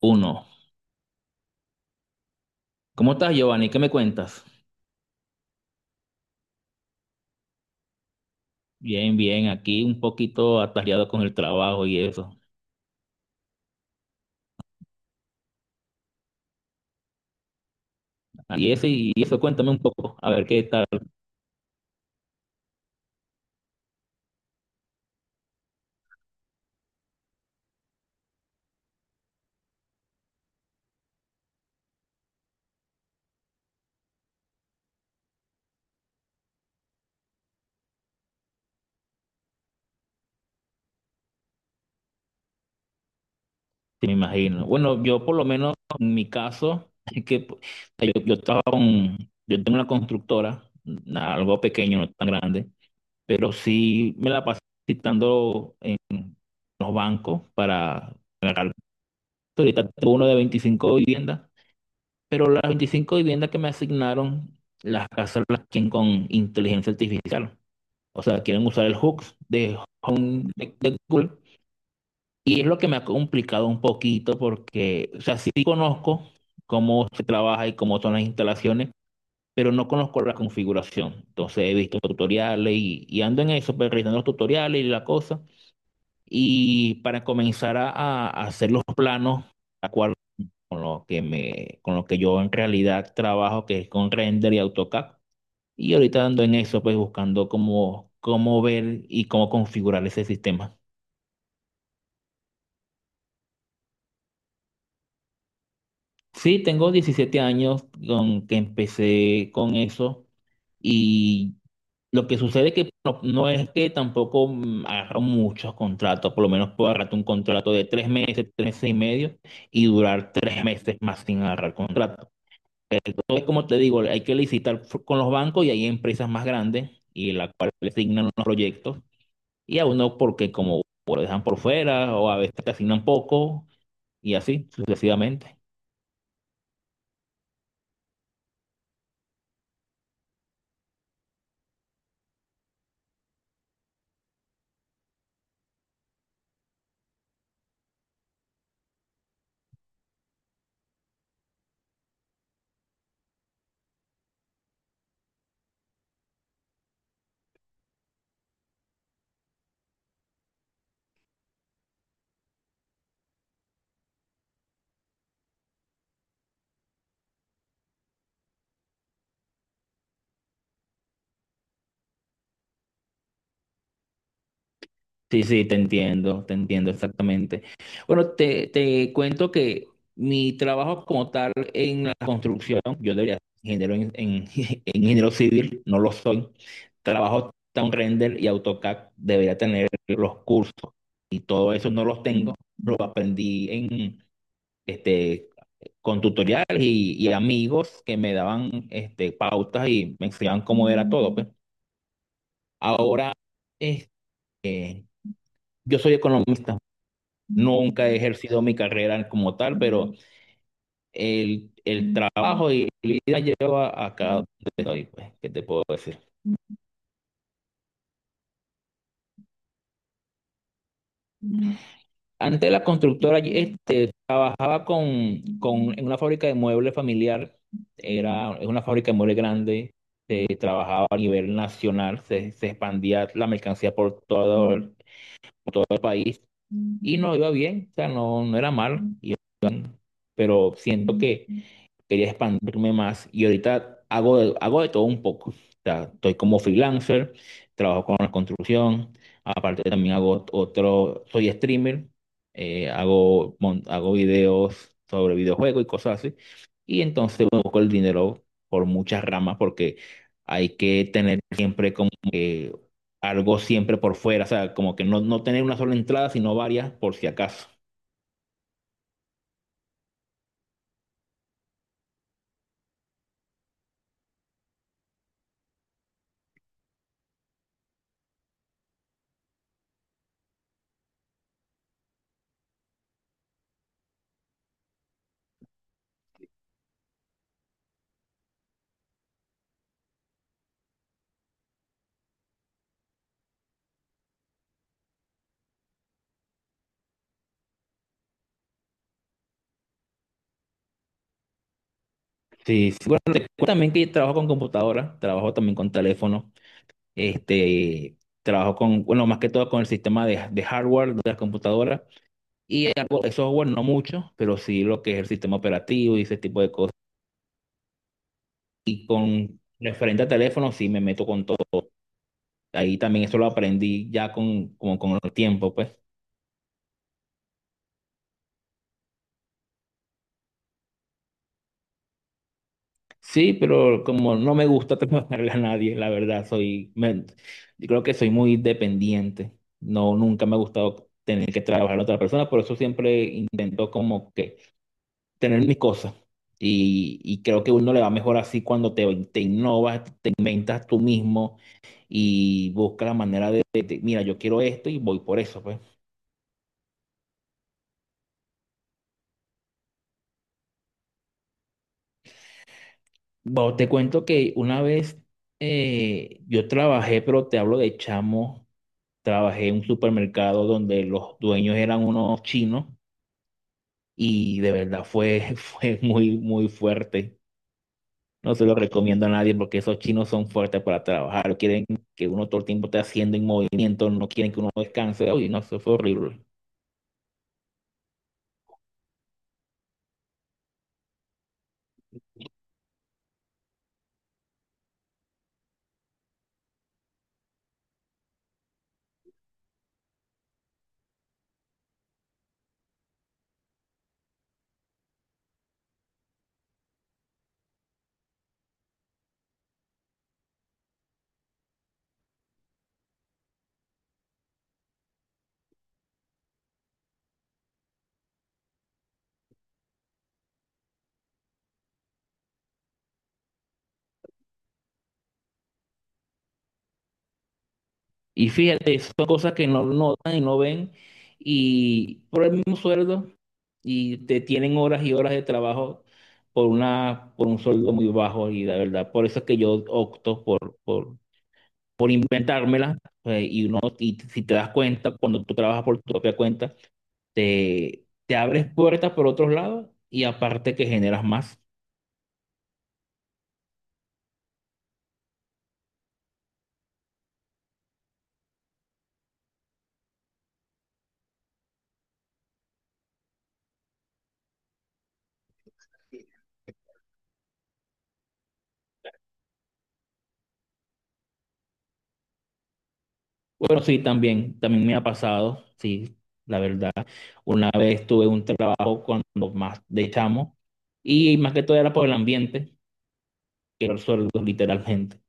Uno. ¿Cómo estás, Giovanni? ¿Qué me cuentas? Bien, bien, aquí un poquito atareado con el trabajo y eso. Y eso, y eso, cuéntame un poco, a ver qué tal, te me imagino. Bueno, yo por lo menos en mi caso, es que pues, yo estaba con, yo tengo una constructora, algo pequeño, no tan grande, pero sí me la pasé citando en los bancos para pagar. Ahorita tengo uno de 25 viviendas, pero las 25 viviendas que me asignaron, las casas las quieren con inteligencia artificial. O sea, quieren usar el hooks de Home de Google. Y es lo que me ha complicado un poquito porque, o sea, sí conozco cómo se trabaja y cómo son las instalaciones, pero no conozco la configuración. Entonces he visto tutoriales y ando en eso, pues, revisando los tutoriales y la cosa. Y para comenzar a hacer los planos, a cual con lo que con lo que yo en realidad trabajo, que es con render y AutoCAD. Y ahorita ando en eso, pues buscando cómo, cómo ver y cómo configurar ese sistema. Sí, tengo 17 años con que empecé con eso y lo que sucede es que no, no es que tampoco agarro muchos contratos, por lo menos puedo agarrar un contrato de tres meses y medio, y durar tres meses más sin agarrar contrato. Entonces, como te digo, hay que licitar con los bancos y hay empresas más grandes y la cual le asignan los proyectos, y a uno porque como lo dejan por fuera o a veces te asignan poco, y así sucesivamente. Sí, sí, te entiendo exactamente. Bueno, te cuento que mi trabajo como tal en la construcción, yo debería ser ingeniero en ingeniero civil, no lo soy. Trabajo Town Render y AutoCAD, debería tener los cursos y todo eso no los tengo. Lo aprendí en, este, con tutoriales y amigos que me daban este, pautas y me enseñaban cómo era todo, pues. Ahora, este, yo soy economista. Nunca he ejercido mi carrera como tal, pero el trabajo y la vida lleva a cada estoy, pues, ¿qué te puedo decir? Antes la constructora, este, trabajaba en una fábrica de muebles familiar, era, es una fábrica de muebles grande, se trabajaba a nivel nacional, se expandía la mercancía por todo, por todo el país y no iba bien, o sea, no, no era mal, pero siento que quería expandirme más y ahorita hago hago de todo un poco. O sea, estoy como freelancer, trabajo con la construcción, aparte también hago otro, soy streamer, hago, hago videos sobre videojuegos y cosas así. Y entonces bueno, busco el dinero por muchas ramas porque hay que tener siempre como que algo siempre por fuera, o sea, como que no, no tener una sola entrada, sino varias por si acaso. Sí, sí, bueno, te cuento también que trabajo con computadora, trabajo también con teléfono, este, trabajo con, bueno, más que todo con el sistema de hardware de las computadoras y algo de software, no mucho, pero sí lo que es el sistema operativo y ese tipo de cosas. Y con referente a teléfono, sí me meto con todo. Ahí también eso lo aprendí ya con, como con el tiempo, pues. Sí, pero como no me gusta trabajarle a nadie, la verdad, yo creo que soy muy dependiente. No, nunca me ha gustado tener que trabajar a otra persona, por eso siempre intento como que tener mis cosas. Y creo que uno le va mejor así cuando te innovas, te inventas tú mismo y buscas la manera mira, yo quiero esto y voy por eso, pues. Bueno, te cuento que una vez yo trabajé, pero te hablo de chamo. Trabajé en un supermercado donde los dueños eran unos chinos y de verdad fue, fue muy, muy fuerte. No se lo recomiendo a nadie porque esos chinos son fuertes para trabajar. Quieren que uno todo el tiempo esté haciendo en movimiento, no quieren que uno descanse. Uy, no, eso fue horrible. Y fíjate, son cosas que no notan y no ven y por el mismo sueldo y te tienen horas y horas de trabajo por una, por un sueldo muy bajo y la verdad, por eso es que yo opto por inventármela, y uno, y si te das cuenta, cuando tú trabajas por tu propia cuenta, te abres puertas por otros lados y aparte que generas más. Bueno, sí, también, también me ha pasado, sí, la verdad. Una vez tuve un trabajo cuando más de chamo y más que todo era por el ambiente, que era el sueldo, literalmente.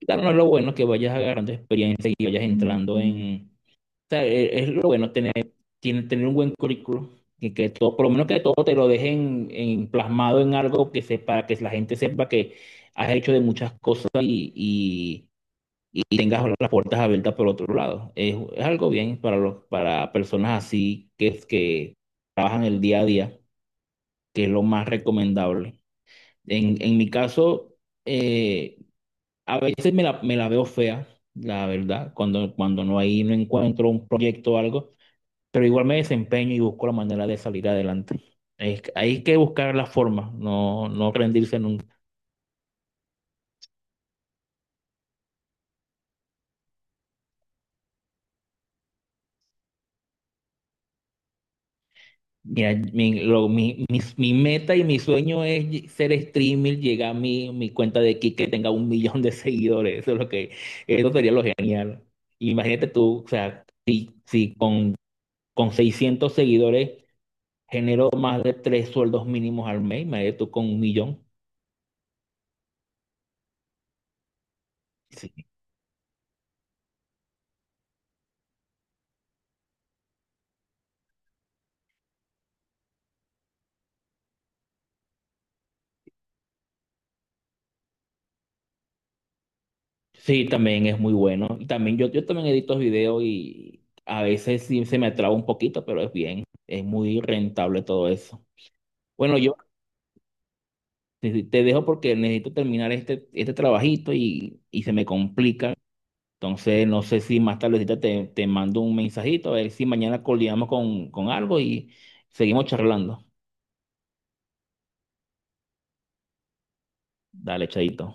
Claro, no es lo bueno que vayas agarrando experiencia y vayas entrando en, sea, es lo bueno tener, tener un buen currículo, que todo, por lo menos que todo te lo dejen plasmado en algo que sepa, que la gente sepa que has hecho de muchas cosas y tengas las puertas abiertas por otro lado. Es algo bien para los, para personas así que es que trabajan el día a día, que es lo más recomendable. En mi caso, eh, a veces me la veo fea, la verdad, cuando no hay, no encuentro un proyecto o algo, pero igual me desempeño y busco la manera de salir adelante. Hay que buscar la forma, no, no rendirse nunca. Mira, mi meta y mi sueño es ser streamer, llegar a mi cuenta de Kik que tenga un millón de seguidores. Eso es lo que, eso sería lo genial. Imagínate tú, o sea, si con 600 seguidores genero más de tres sueldos mínimos al mes, imagínate tú con un millón. Sí. Sí, también es muy bueno. Y también yo también edito videos y a veces sí se me traba un poquito, pero es bien, es muy rentable todo eso. Bueno, yo te dejo porque necesito terminar este, este trabajito y se me complica. Entonces, no sé si más tardecita te mando un mensajito, a ver si mañana coordinamos con algo y seguimos charlando. Dale, chaito.